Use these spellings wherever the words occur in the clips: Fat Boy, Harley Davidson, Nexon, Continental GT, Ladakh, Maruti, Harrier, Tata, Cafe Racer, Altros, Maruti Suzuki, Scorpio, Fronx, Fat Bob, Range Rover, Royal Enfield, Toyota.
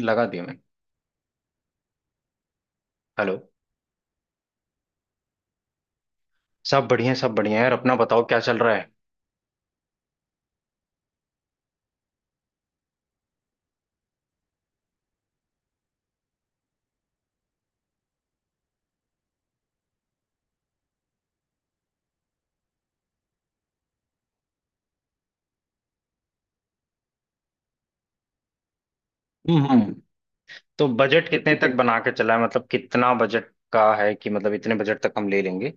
लगा दिया मैंने। हेलो। सब बढ़िया है यार, अपना बताओ क्या चल रहा है। हम्म हम्म। तो बजट कितने तक बना के चला है, मतलब कितना बजट का है, कि मतलब इतने बजट तक हम ले लेंगे।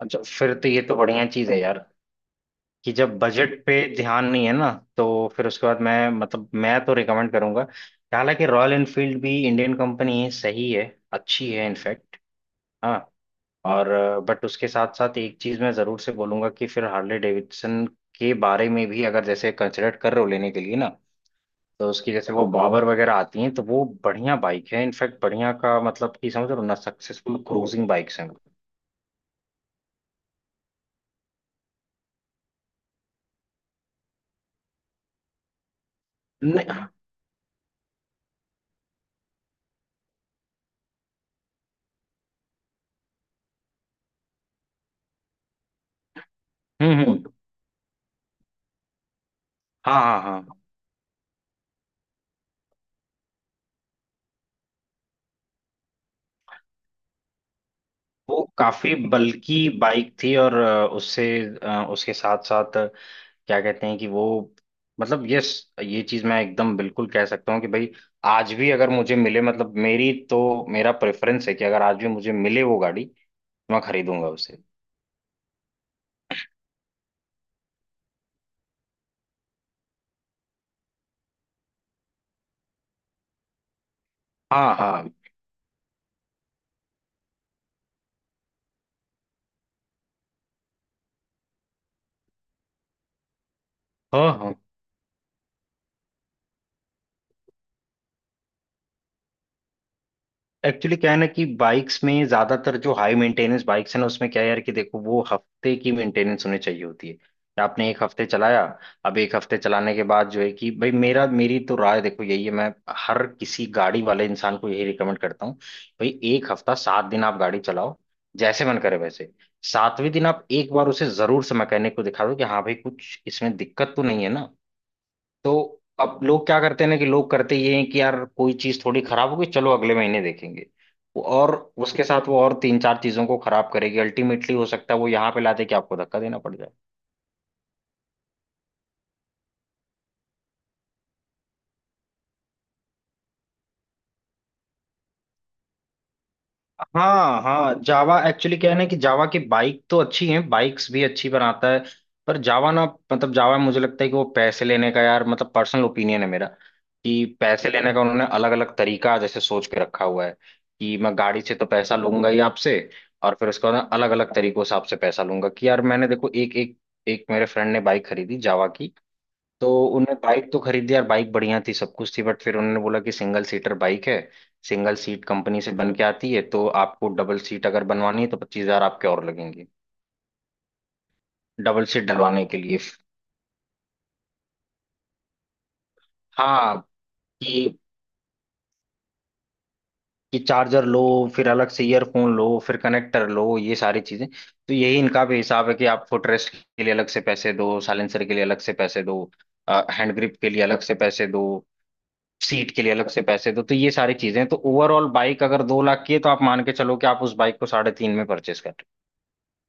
अच्छा, फिर तो ये तो बढ़िया चीज है यार। कि जब बजट पे ध्यान नहीं है ना तो फिर उसके बाद मैं, मतलब मैं तो रिकमेंड करूंगा कि हालांकि रॉयल एनफील्ड भी इंडियन कंपनी है, सही है, अच्छी है इनफैक्ट। हाँ। और बट उसके साथ साथ एक चीज मैं जरूर से बोलूंगा कि फिर हार्ले डेविडसन के बारे में भी अगर जैसे कंसिडर कर रहे हो लेने के लिए ना, तो उसकी जैसे वो बाबर वगैरह आती हैं तो वो बढ़िया बाइक है, इनफैक्ट बढ़िया का मतलब कि समझ रहे हो ना, सक्सेसफुल क्रूजिंग बाइक्स हैं वो। नहीं। हम्म। हाँ हाँ हाँ। वो काफी बल्की बाइक थी और उससे उसके साथ साथ क्या कहते हैं कि वो, मतलब, यस, ये चीज मैं एकदम बिल्कुल कह सकता हूँ कि भाई आज भी अगर मुझे मिले, मतलब मेरी तो मेरा प्रेफरेंस है कि अगर आज भी मुझे मिले वो गाड़ी, तो मैं खरीदूंगा उसे। हाँ हाँ हाँ। हाँ, एक्चुअली क्या है ना कि बाइक्स में ज्यादातर जो हाई मेंटेनेंस बाइक्स है ना, उसमें क्या है यार कि देखो, वो हफ्ते की मेंटेनेंस होनी चाहिए होती है कि आपने एक हफ्ते चलाया, अब एक हफ्ते चलाने के बाद जो है कि भाई मेरा, मेरी तो राय देखो यही है। मैं हर किसी गाड़ी वाले इंसान को यही रिकमेंड करता हूँ, भाई एक हफ्ता सात दिन आप गाड़ी चलाओ, जैसे मन करे वैसे। सातवें दिन आप एक बार उसे जरूर से मैकेनिक को दिखा दो कि हाँ भाई कुछ इसमें दिक्कत तो नहीं है ना। तो अब लोग क्या करते हैं ना कि लोग करते ये हैं कि यार कोई चीज थोड़ी खराब होगी चलो अगले महीने देखेंगे, वो और उसके साथ वो और तीन चार चीजों को खराब करेगी, अल्टीमेटली हो सकता है वो यहाँ पे लाते कि आपको धक्का देना पड़ जाए। हाँ हाँ, जावा एक्चुअली क्या है ना कि जावा की बाइक तो अच्छी है, बाइक्स भी अच्छी बनाता है पर जावा ना, मतलब जावा मुझे लगता है कि वो पैसे लेने का यार, मतलब पर्सनल ओपिनियन है मेरा, कि पैसे लेने का उन्होंने अलग अलग तरीका जैसे सोच के रखा हुआ है कि मैं गाड़ी से तो पैसा लूंगा ही आपसे, और फिर उसके बाद अलग अलग तरीकों से आपसे पैसा लूंगा कि यार मैंने देखो एक एक एक मेरे फ्रेंड ने बाइक खरीदी जावा की। तो उन्होंने बाइक तो खरीदी यार, बाइक बढ़िया थी सब कुछ थी बट फिर उन्होंने बोला कि सिंगल सीटर बाइक है, सिंगल सीट कंपनी से बन के आती है, तो आपको डबल सीट अगर बनवानी है तो 25 हजार आपके और लगेंगे डबल सीट डलवाने के लिए। हाँ। कि कि चार्जर लो, फिर अलग से ईयरफोन लो, फिर कनेक्टर लो, ये सारी चीजें, तो यही इनका भी हिसाब है कि आप फुटरेस्ट के लिए अलग से पैसे दो, साइलेंसर के लिए अलग से पैसे दो, हैंड ग्रिप के लिए अलग से पैसे दो, सीट के लिए अलग से पैसे दो, तो ये सारी चीजें, तो ओवरऑल बाइक अगर 2 लाख की है तो आप मान के चलो कि आप उस बाइक को साढ़े तीन में परचेस कर रहे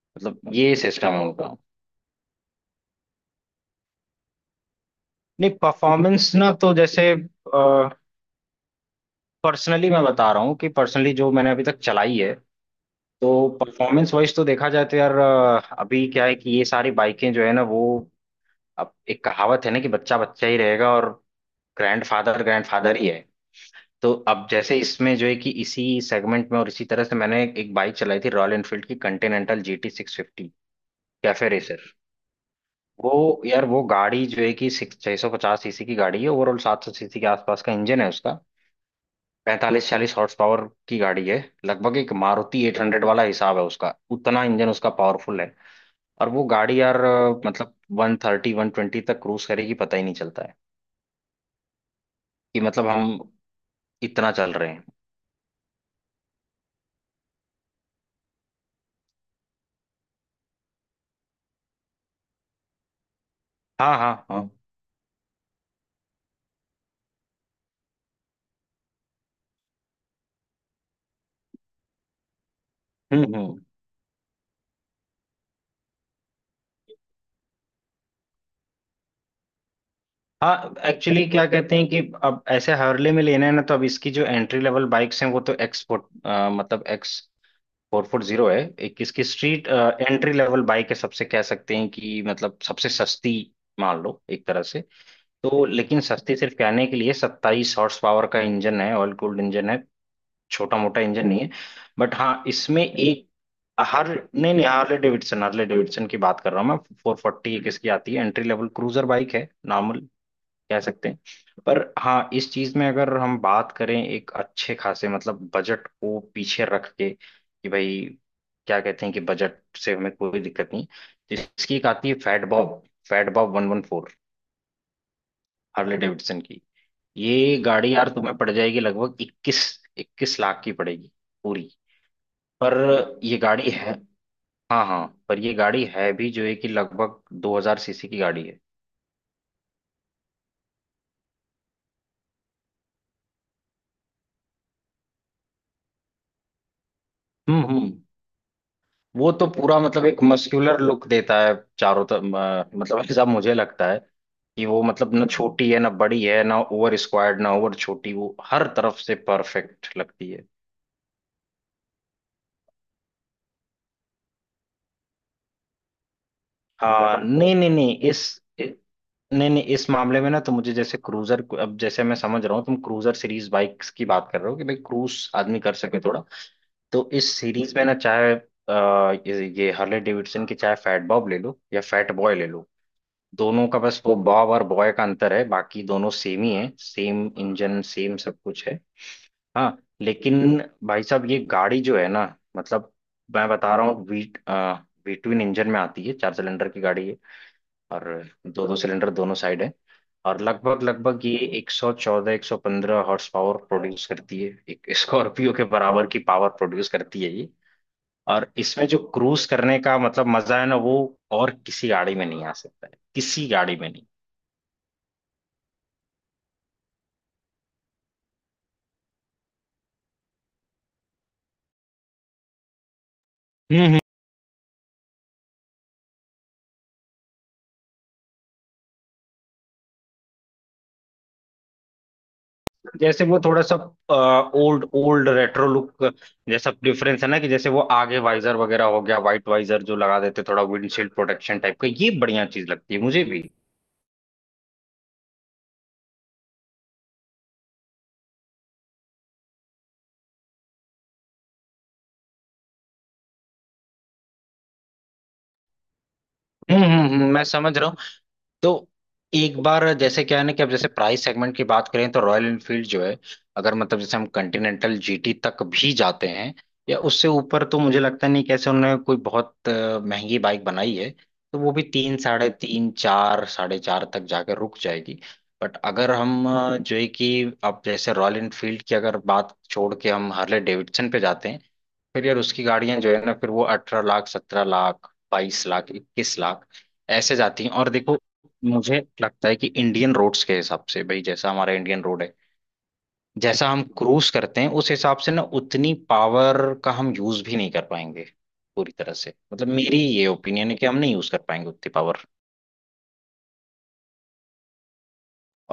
हो। मतलब ये सिस्टम है उनका। नहीं परफॉर्मेंस ना, तो जैसे पर्सनली मैं बता रहा हूँ कि पर्सनली जो मैंने अभी तक चलाई है, तो परफॉर्मेंस वाइज तो देखा जाए तो यार, अभी क्या है कि ये सारी बाइकें जो है ना वो, अब एक कहावत है ना कि बच्चा बच्चा ही रहेगा और ग्रैंड फादर ही है। तो अब जैसे इसमें जो है कि इसी सेगमेंट में और इसी तरह से मैंने एक बाइक चलाई थी रॉयल एनफील्ड की, Continental G T 650 cafe racer. वो यार वो गाड़ी जो है कि सिक्स 650 सीसी की गाड़ी है, ओवरऑल 700 सीसी के आसपास का इंजन है उसका, 45 40 हॉर्स पावर की गाड़ी है, लगभग एक मारुति 800 वाला हिसाब है उसका, उतना इंजन उसका पावरफुल है और वो गाड़ी यार, मतलब 130 120 तक क्रूज करेगी, पता ही नहीं चलता है कि मतलब हम इतना चल रहे हैं। हाँ हाँ हाँ। हम्म। हाँ, एक्चुअली क्या कहते हैं कि अब ऐसे हार्ले में लेना है ना, तो अब इसकी जो एंट्री लेवल बाइक्स हैं वो तो एक्स, मतलब एक्स 440 है, एक इसकी स्ट्रीट एंट्री लेवल बाइक है, सबसे कह सकते हैं कि मतलब सबसे सस्ती, मान लो एक तरह से। तो लेकिन सस्ती सिर्फ कहने के लिए, 27 हॉर्स पावर का इंजन है, ऑयल कूल्ड इंजन है, छोटा मोटा इंजन नहीं है। बट हाँ इसमें एक हर, नहीं नहीं हार्ले डेविडसन हार्ले डेविडसन की बात कर रहा हूँ मैं। 440 एक इसकी आती है एंट्री लेवल क्रूजर बाइक है, नॉर्मल कह सकते हैं। पर हाँ इस चीज में अगर हम बात करें एक अच्छे खासे, मतलब बजट को पीछे रख के कि भाई क्या कहते हैं कि बजट से हमें कोई दिक्कत नहीं, तो इसकी एक आती है Fat Bob, Fat Bob 114 Harley Davidson की। ये गाड़ी यार तुम्हें पड़ जाएगी लगभग इक्कीस इक्कीस लाख की पड़ेगी पूरी। पर ये गाड़ी है, हाँ हाँ, पर ये गाड़ी है भी जो है कि लगभग 2000 सीसी की गाड़ी है। हम्म। वो तो पूरा मतलब एक मस्कुलर लुक देता है चारों तरफ, मतलब ऐसा मुझे लगता है कि वो, मतलब ना छोटी है ना बड़ी है, ना ओवर स्क्वायर्ड ना ओवर छोटी, वो हर तरफ से परफेक्ट लगती है। हाँ, नहीं नहीं नहीं, इ- नहीं नहीं इस मामले में ना, तो मुझे जैसे क्रूजर, अब जैसे मैं समझ रहा हूँ तुम क्रूजर सीरीज बाइक्स की बात कर रहे हो कि भाई क्रूज आदमी कर सके थोड़ा, तो इस सीरीज में ना, चाहे ये हार्ले डेविडसन की चाहे फैट बॉब ले लो या फैट बॉय ले लो, दोनों का बस वो बॉब और बॉय का अंतर है, बाकी दोनों सेम ही है, सेम इंजन सेम सब कुछ है। हाँ, लेकिन भाई साहब ये गाड़ी जो है ना, मतलब मैं बता रहा हूँ, वी वी ट्विन इंजन में आती है, चार सिलेंडर की गाड़ी है और दो दो सिलेंडर दोनों साइड है, और लगभग लगभग ये 114 115 हॉर्स पावर प्रोड्यूस करती है, एक स्कॉर्पियो के बराबर की पावर प्रोड्यूस करती है ये, और इसमें जो क्रूज करने का मतलब मजा है ना, वो और किसी गाड़ी में नहीं आ सकता है, किसी गाड़ी में नहीं। हम्म। जैसे वो थोड़ा सा ओल्ड ओल्ड रेट्रो लुक, जैसा डिफरेंस है ना कि जैसे वो आगे वाइजर वगैरह हो गया, वाइट वाइजर जो लगा देते थोड़ा विंडशील्ड प्रोटेक्शन टाइप का, ये बढ़िया चीज लगती है मुझे भी। मैं समझ रहा हूँ। तो एक बार जैसे क्या है ना कि अब जैसे प्राइस सेगमेंट की बात करें तो रॉयल एनफील्ड जो है, अगर मतलब जैसे हम कंटिनेंटल जीटी तक भी जाते हैं या उससे ऊपर, तो मुझे लगता नहीं कैसे उन्होंने कोई बहुत महंगी बाइक बनाई है, तो वो भी तीन साढ़े तीन चार साढ़े चार तक जाकर रुक जाएगी। बट अगर हम जो है कि अब जैसे रॉयल एनफील्ड की अगर बात छोड़ के हम हार्ले डेविडसन पे जाते हैं, फिर यार उसकी गाड़ियां जो है ना, फिर वो 18 लाख 17 लाख 22 लाख 21 लाख ऐसे जाती हैं, और देखो मुझे लगता है कि इंडियन रोड्स के हिसाब से, भाई जैसा हमारा इंडियन रोड है, जैसा हम क्रूज करते हैं उस हिसाब से ना उतनी पावर का हम यूज भी नहीं कर पाएंगे पूरी तरह से, मतलब मेरी ये ओपिनियन है कि हम नहीं यूज कर पाएंगे उतनी पावर।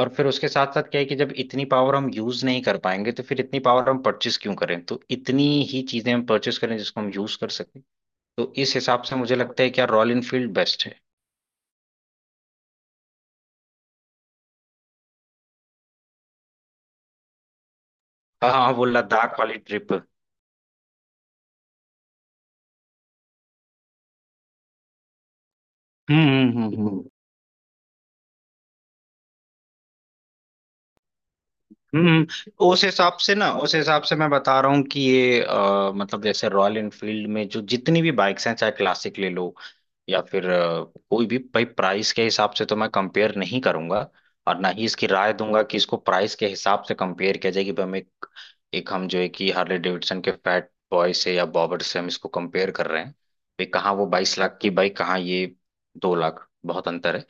और फिर उसके साथ साथ क्या है कि जब इतनी पावर हम यूज नहीं कर पाएंगे तो फिर इतनी पावर हम परचेस क्यों करें, तो इतनी ही चीजें हम परचेस करें जिसको हम यूज कर सकें। तो इस हिसाब से मुझे लगता है कि यार रॉयल इनफील्ड बेस्ट है। हाँ हाँ, वो लद्दाख वाली ट्रिप। हम्म हम्म हम्म हम्म। हम्म, उस हिसाब से ना, उस हिसाब से मैं बता रहा हूँ कि ये मतलब जैसे रॉयल एनफील्ड में जो जितनी भी बाइक्स हैं, चाहे क्लासिक ले लो या फिर कोई भी, भाई प्राइस के हिसाब से तो मैं कंपेयर नहीं करूंगा और ना ही इसकी राय दूंगा कि इसको प्राइस के हिसाब से कंपेयर किया जाए कि भाई हम एक एक हम जो है कि हार्ले डेविडसन के फैट बॉय से या बॉबर से हम इसको कंपेयर कर रहे हैं, भाई कहाँ वो 22 लाख की बाइक, कहाँ ये 2 लाख, बहुत अंतर है।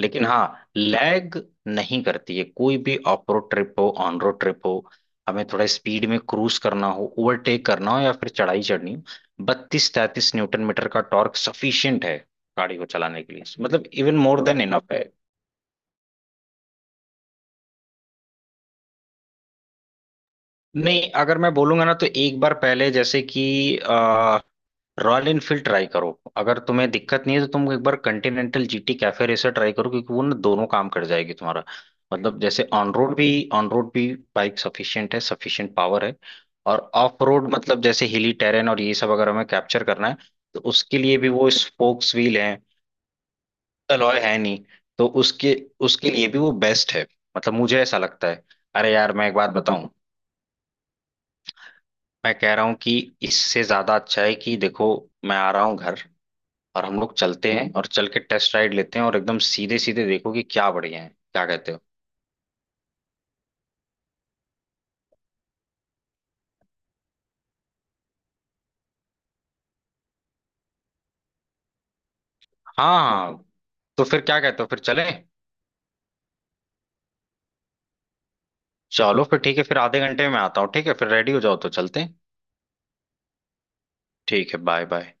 लेकिन हाँ लैग नहीं करती है, कोई भी ऑफ रोड ट्रिप हो ऑन रोड ट्रिप हो, हमें थोड़ा स्पीड में क्रूज करना हो, ओवरटेक करना हो या फिर चढ़ाई चढ़नी हो, 32 33 न्यूटन मीटर का टॉर्क सफिशियंट है गाड़ी को चलाने के लिए, मतलब इवन मोर देन इनफ है। नहीं, अगर मैं बोलूंगा ना तो एक बार पहले जैसे कि रॉयल इनफील्ड ट्राई करो, अगर तुम्हें दिक्कत नहीं है तो तुम एक बार Continental GT cafe racer try करो क्योंकि वो ना दोनों काम कर जाएगी तुम्हारा, मतलब जैसे ऑन रोड भी बाइक सफिशिएंट है, सफिशिएंट पावर है, और ऑफ रोड मतलब जैसे हिली टेरेन और ये सब अगर हमें कैप्चर करना है, तो उसके लिए भी वो स्पोक्स व्हील है, अलॉय है नहीं, तो उसके उसके लिए भी वो बेस्ट है, मतलब मुझे ऐसा लगता है। अरे यार मैं एक बात बताऊं, मैं कह रहा हूँ कि इससे ज्यादा अच्छा है कि देखो मैं आ रहा हूँ घर और हम लोग चलते हैं और चल के टेस्ट राइड लेते हैं और एकदम सीधे सीधे देखो कि क्या बढ़िया है, क्या कहते हो। हाँ हाँ, तो फिर क्या कहते हो, फिर चलें। चलो फिर ठीक है, फिर आधे घंटे में आता हूँ, ठीक है फिर रेडी हो जाओ तो चलते हैं। ठीक है बाय बाय।